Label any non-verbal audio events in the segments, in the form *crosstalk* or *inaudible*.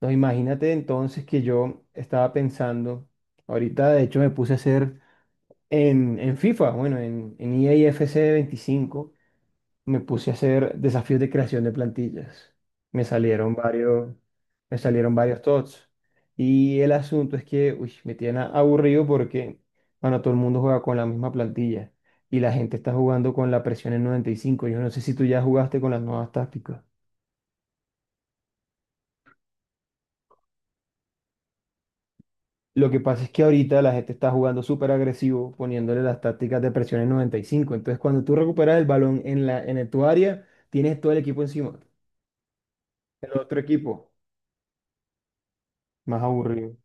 No, imagínate entonces que yo estaba pensando, ahorita de hecho me puse a hacer en FIFA, bueno, en EA FC 25, me puse a hacer desafíos de creación de plantillas. Me salieron varios, me salieron varios TOTS. Y el asunto es que, uy, me tiene aburrido porque, bueno, todo el mundo juega con la misma plantilla y la gente está jugando con la presión en 95. Yo no sé si tú ya jugaste con las nuevas tácticas. Lo que pasa es que ahorita la gente está jugando súper agresivo, poniéndole las tácticas de presión en 95. Entonces, cuando tú recuperas el balón en tu área, tienes todo el equipo encima. El otro equipo, más aburrido.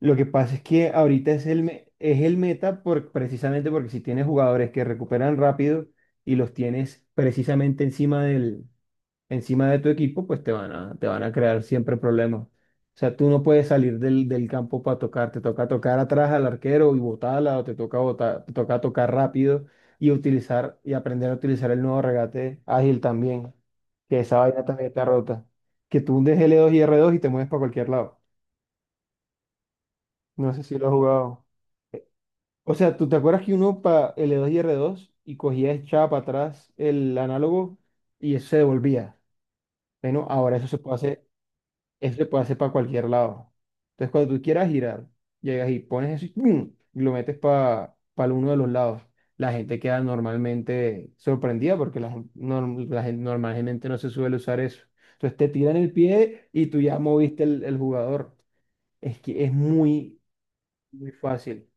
Lo que pasa es que ahorita es el meta por, precisamente porque si tienes jugadores que recuperan rápido y los tienes precisamente encima de tu equipo, pues te van a crear siempre problemas. O sea, tú no puedes salir del campo para tocar, te toca tocar atrás al arquero y botarla, o te toca botar, te toca tocar rápido y utilizar y aprender a utilizar el nuevo regate ágil también, que esa vaina también está rota. Que tú hundes L2 y R2 y te mueves para cualquier lado. No sé si lo has jugado. O sea, ¿tú te acuerdas que uno para L2 y R2 y cogía echaba para atrás el análogo y eso se devolvía? Bueno, ahora eso se puede hacer. Eso se puede hacer para cualquier lado. Entonces, cuando tú quieras girar, llegas y pones eso y ¡pum!, y lo metes para uno de los lados. La gente queda normalmente sorprendida porque la gente normalmente no se suele usar eso. Entonces te tiran el pie y tú ya moviste el jugador. Es que es muy, muy fácil.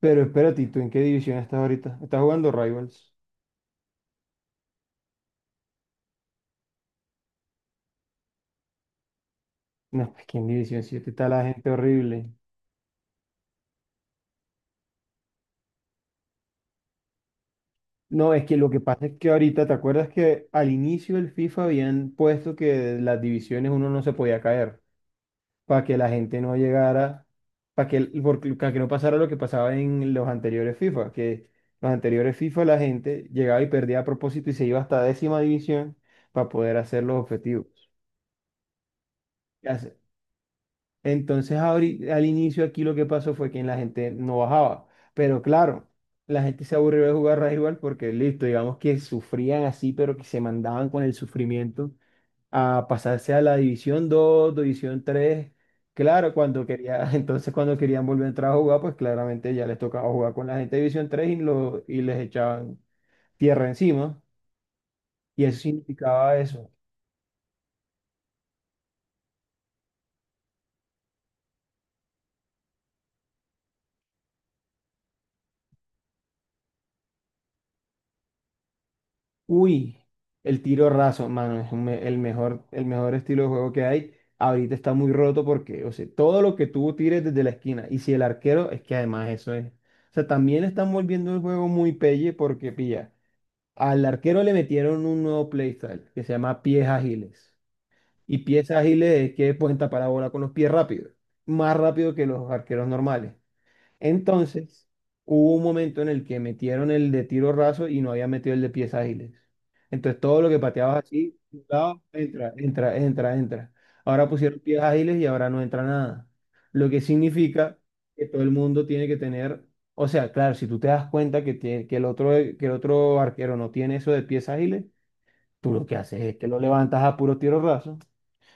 Pero espérate, ¿Tú en qué división estás ahorita? ¿Estás jugando Rivals? No, pues que en División Siete está la gente horrible. No, es que lo que pasa es que ahorita, ¿te acuerdas que al inicio del FIFA habían puesto que de las divisiones uno no se podía caer para que la gente no llegara, para que, para que no pasara lo que pasaba en los anteriores FIFA, que los anteriores FIFA la gente llegaba y perdía a propósito y se iba hasta décima división para poder hacer los objetivos? Entonces, al inicio aquí lo que pasó fue que la gente no bajaba. Pero claro, la gente se aburrió de jugar rival porque listo, digamos que sufrían así, pero que se mandaban con el sufrimiento a pasarse a la División dos, División tres. Claro, cuando quería, *laughs* entonces cuando querían volver a entrar a jugar, pues claramente ya les tocaba jugar con la gente de División tres y les echaban tierra encima. Y eso significaba eso. Uy, el tiro raso, mano, es un me- el mejor estilo de juego que hay. Ahorita está muy roto porque, o sea, todo lo que tú tires desde la esquina. Y si el arquero, es que además eso es. O sea, también están volviendo el juego muy pelle porque, pilla, al arquero le metieron un nuevo playstyle que se llama pies ágiles. Y pies ágiles es que pueden tapar la bola con los pies rápidos. Más rápido que los arqueros normales. Entonces, hubo un momento en el que metieron el de tiro raso y no había metido el de pies ágiles. Entonces, todo lo que pateabas así, de un lado, entra, entra, entra, entra. Ahora pusieron pies ágiles y ahora no entra nada. Lo que significa que todo el mundo tiene que tener, o sea, claro, si tú te das cuenta que, que el otro arquero no tiene eso de pies ágiles, tú lo que haces es que lo levantas a puro tiro raso,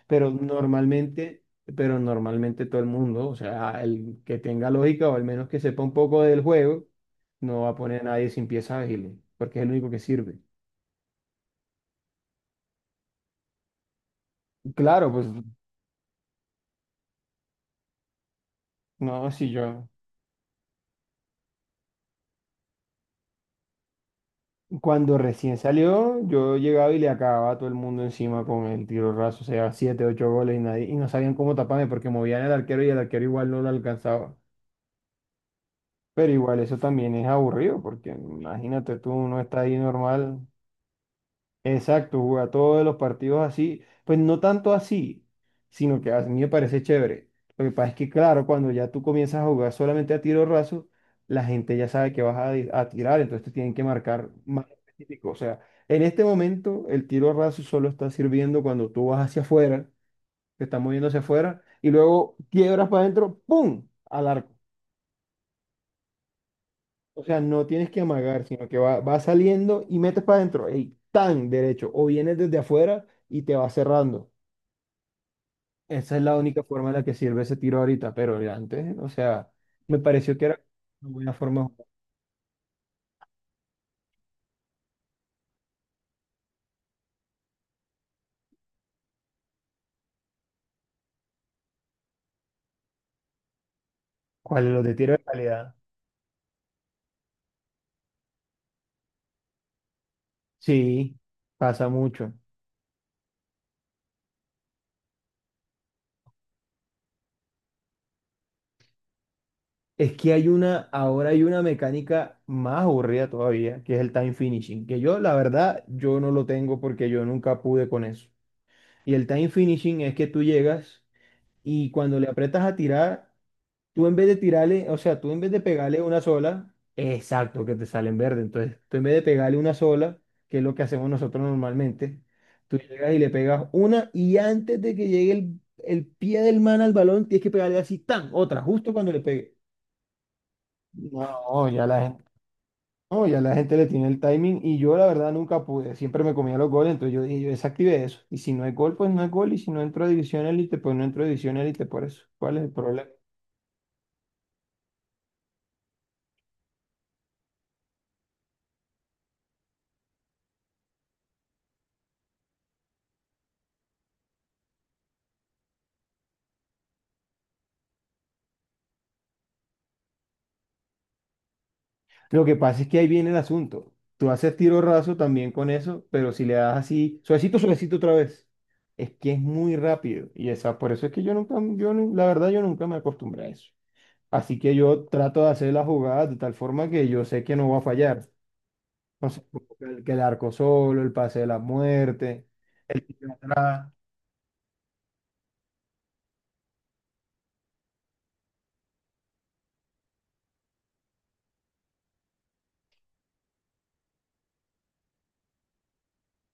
pero normalmente, pero normalmente todo el mundo, o sea, el que tenga lógica o al menos que sepa un poco del juego, no va a poner a nadie sin pieza ágil, porque es el único que sirve. Claro, pues no, si yo, cuando recién salió, yo llegaba y le acababa a todo el mundo encima con el tiro raso, o sea, siete, ocho goles y nadie, y no sabían cómo taparme porque movían el arquero y el arquero igual no lo alcanzaba. Pero igual eso también es aburrido, porque imagínate tú, uno está ahí normal. Exacto, jugar todos los partidos así, pues no tanto así, sino que a mí me parece chévere. Lo que pasa es que, claro, cuando ya tú comienzas a jugar solamente a tiro raso, la gente ya sabe que vas a tirar, entonces te tienen que marcar más específico. O sea, en este momento el tiro raso solo está sirviendo cuando tú vas hacia afuera, te estás moviendo hacia afuera, y luego quiebras para adentro, ¡pum!, al arco. O sea, no tienes que amagar, sino que va, va saliendo y metes para adentro, ¡ey!, tan derecho, o vienes desde afuera y te va cerrando. Esa es la única forma en la que sirve ese tiro ahorita, pero el antes, o sea, me pareció que era una buena forma de jugar. ¿Cuál es los de tiro de calidad? Sí, pasa mucho. Es que hay una, ahora hay una mecánica más aburrida todavía, que es el time finishing, que yo, la verdad, yo no lo tengo porque yo nunca pude con eso. Y el time finishing es que tú llegas y cuando le apretas a tirar, tú en vez de tirarle, o sea, tú en vez de pegarle una sola, exacto, que te sale en verde. Entonces, tú en vez de pegarle una sola, que es lo que hacemos nosotros normalmente, tú llegas y le pegas una y antes de que llegue el pie del man al balón, tienes que pegarle así, tan, otra, justo cuando le pegue. No, ya la gente, no, ya la gente le tiene el timing y yo la verdad nunca pude, siempre me comía los goles, entonces yo dije, yo desactivé eso. Y si no hay gol, pues no es gol, y si no entro a división élite, pues no entro a división élite, por eso. ¿Cuál es el problema? Lo que pasa es que ahí viene el asunto. Tú haces tiro raso también con eso, pero si le das así, suavecito, suavecito otra vez, es que es muy rápido. Y esa, por eso es que yo nunca, la verdad, yo nunca me acostumbré a eso. Así que yo trato de hacer las jugadas de tal forma que yo sé que no va a fallar. No sé, como que el arco solo, el pase de la muerte, el tiro atrás.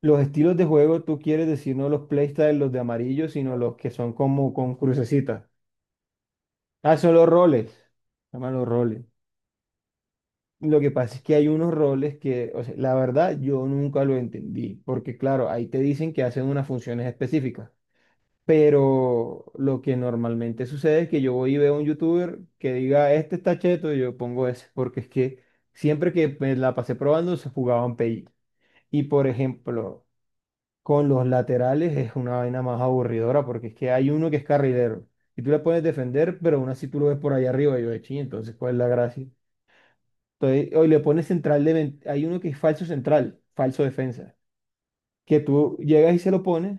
Los estilos de juego, tú quieres decir no los playstyles, los de amarillo, sino los que son como con crucecitas. Ah, son los roles. Llaman los roles. Lo que pasa es que hay unos roles que, o sea, la verdad, yo nunca lo entendí, porque claro, ahí te dicen que hacen unas funciones específicas, pero lo que normalmente sucede es que yo voy y veo a un youtuber que diga, este está cheto, y yo pongo ese, porque es que siempre que me la pasé probando se jugaban PI. Y por ejemplo, con los laterales es una vaina más aburridora, porque es que hay uno que es carrilero, y tú le pones defender, pero aún así tú lo ves por ahí arriba, y yo de ching, entonces, ¿cuál es la gracia? Entonces, hoy le pones Hay uno que es falso central, falso defensa, que tú llegas y se lo pones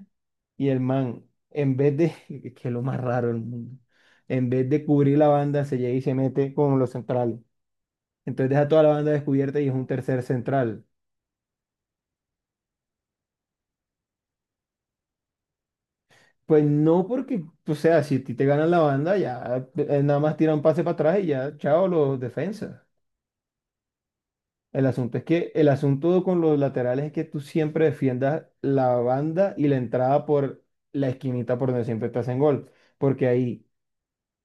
y el man, en vez de... *laughs* que es lo más raro del mundo, en vez de cubrir la banda, se llega y se mete con los centrales. Entonces deja toda la banda descubierta y es un tercer central. Pues no porque, o sea, si a ti te ganan la banda, ya nada más tiran pase para atrás y ya, chao, los defensas. El asunto es que el asunto con los laterales es que tú siempre defiendas la banda y la entrada por la esquinita por donde siempre te hacen gol. Porque ahí,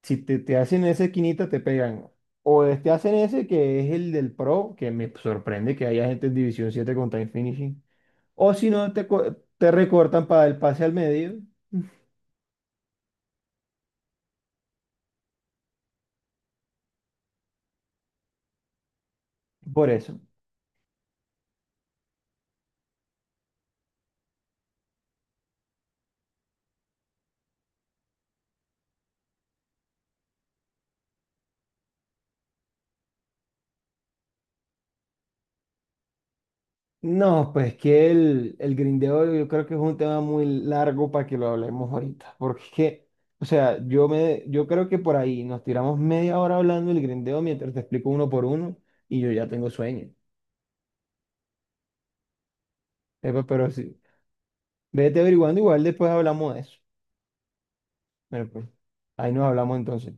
si te hacen esa esquinita, te pegan. Te hacen ese que es el del pro, que me sorprende que haya gente en División siete con time finishing. O si no, te recortan para el pase al medio. Por eso. No, pues que el grindeo yo creo que es un tema muy largo para que lo hablemos ahorita, porque es que, o sea, yo me, yo creo que por ahí nos tiramos media hora hablando del grindeo mientras te explico uno por uno y yo ya tengo sueño. Epa, pero sí, vete averiguando, igual después hablamos de eso. Bueno, pues, ahí nos hablamos entonces.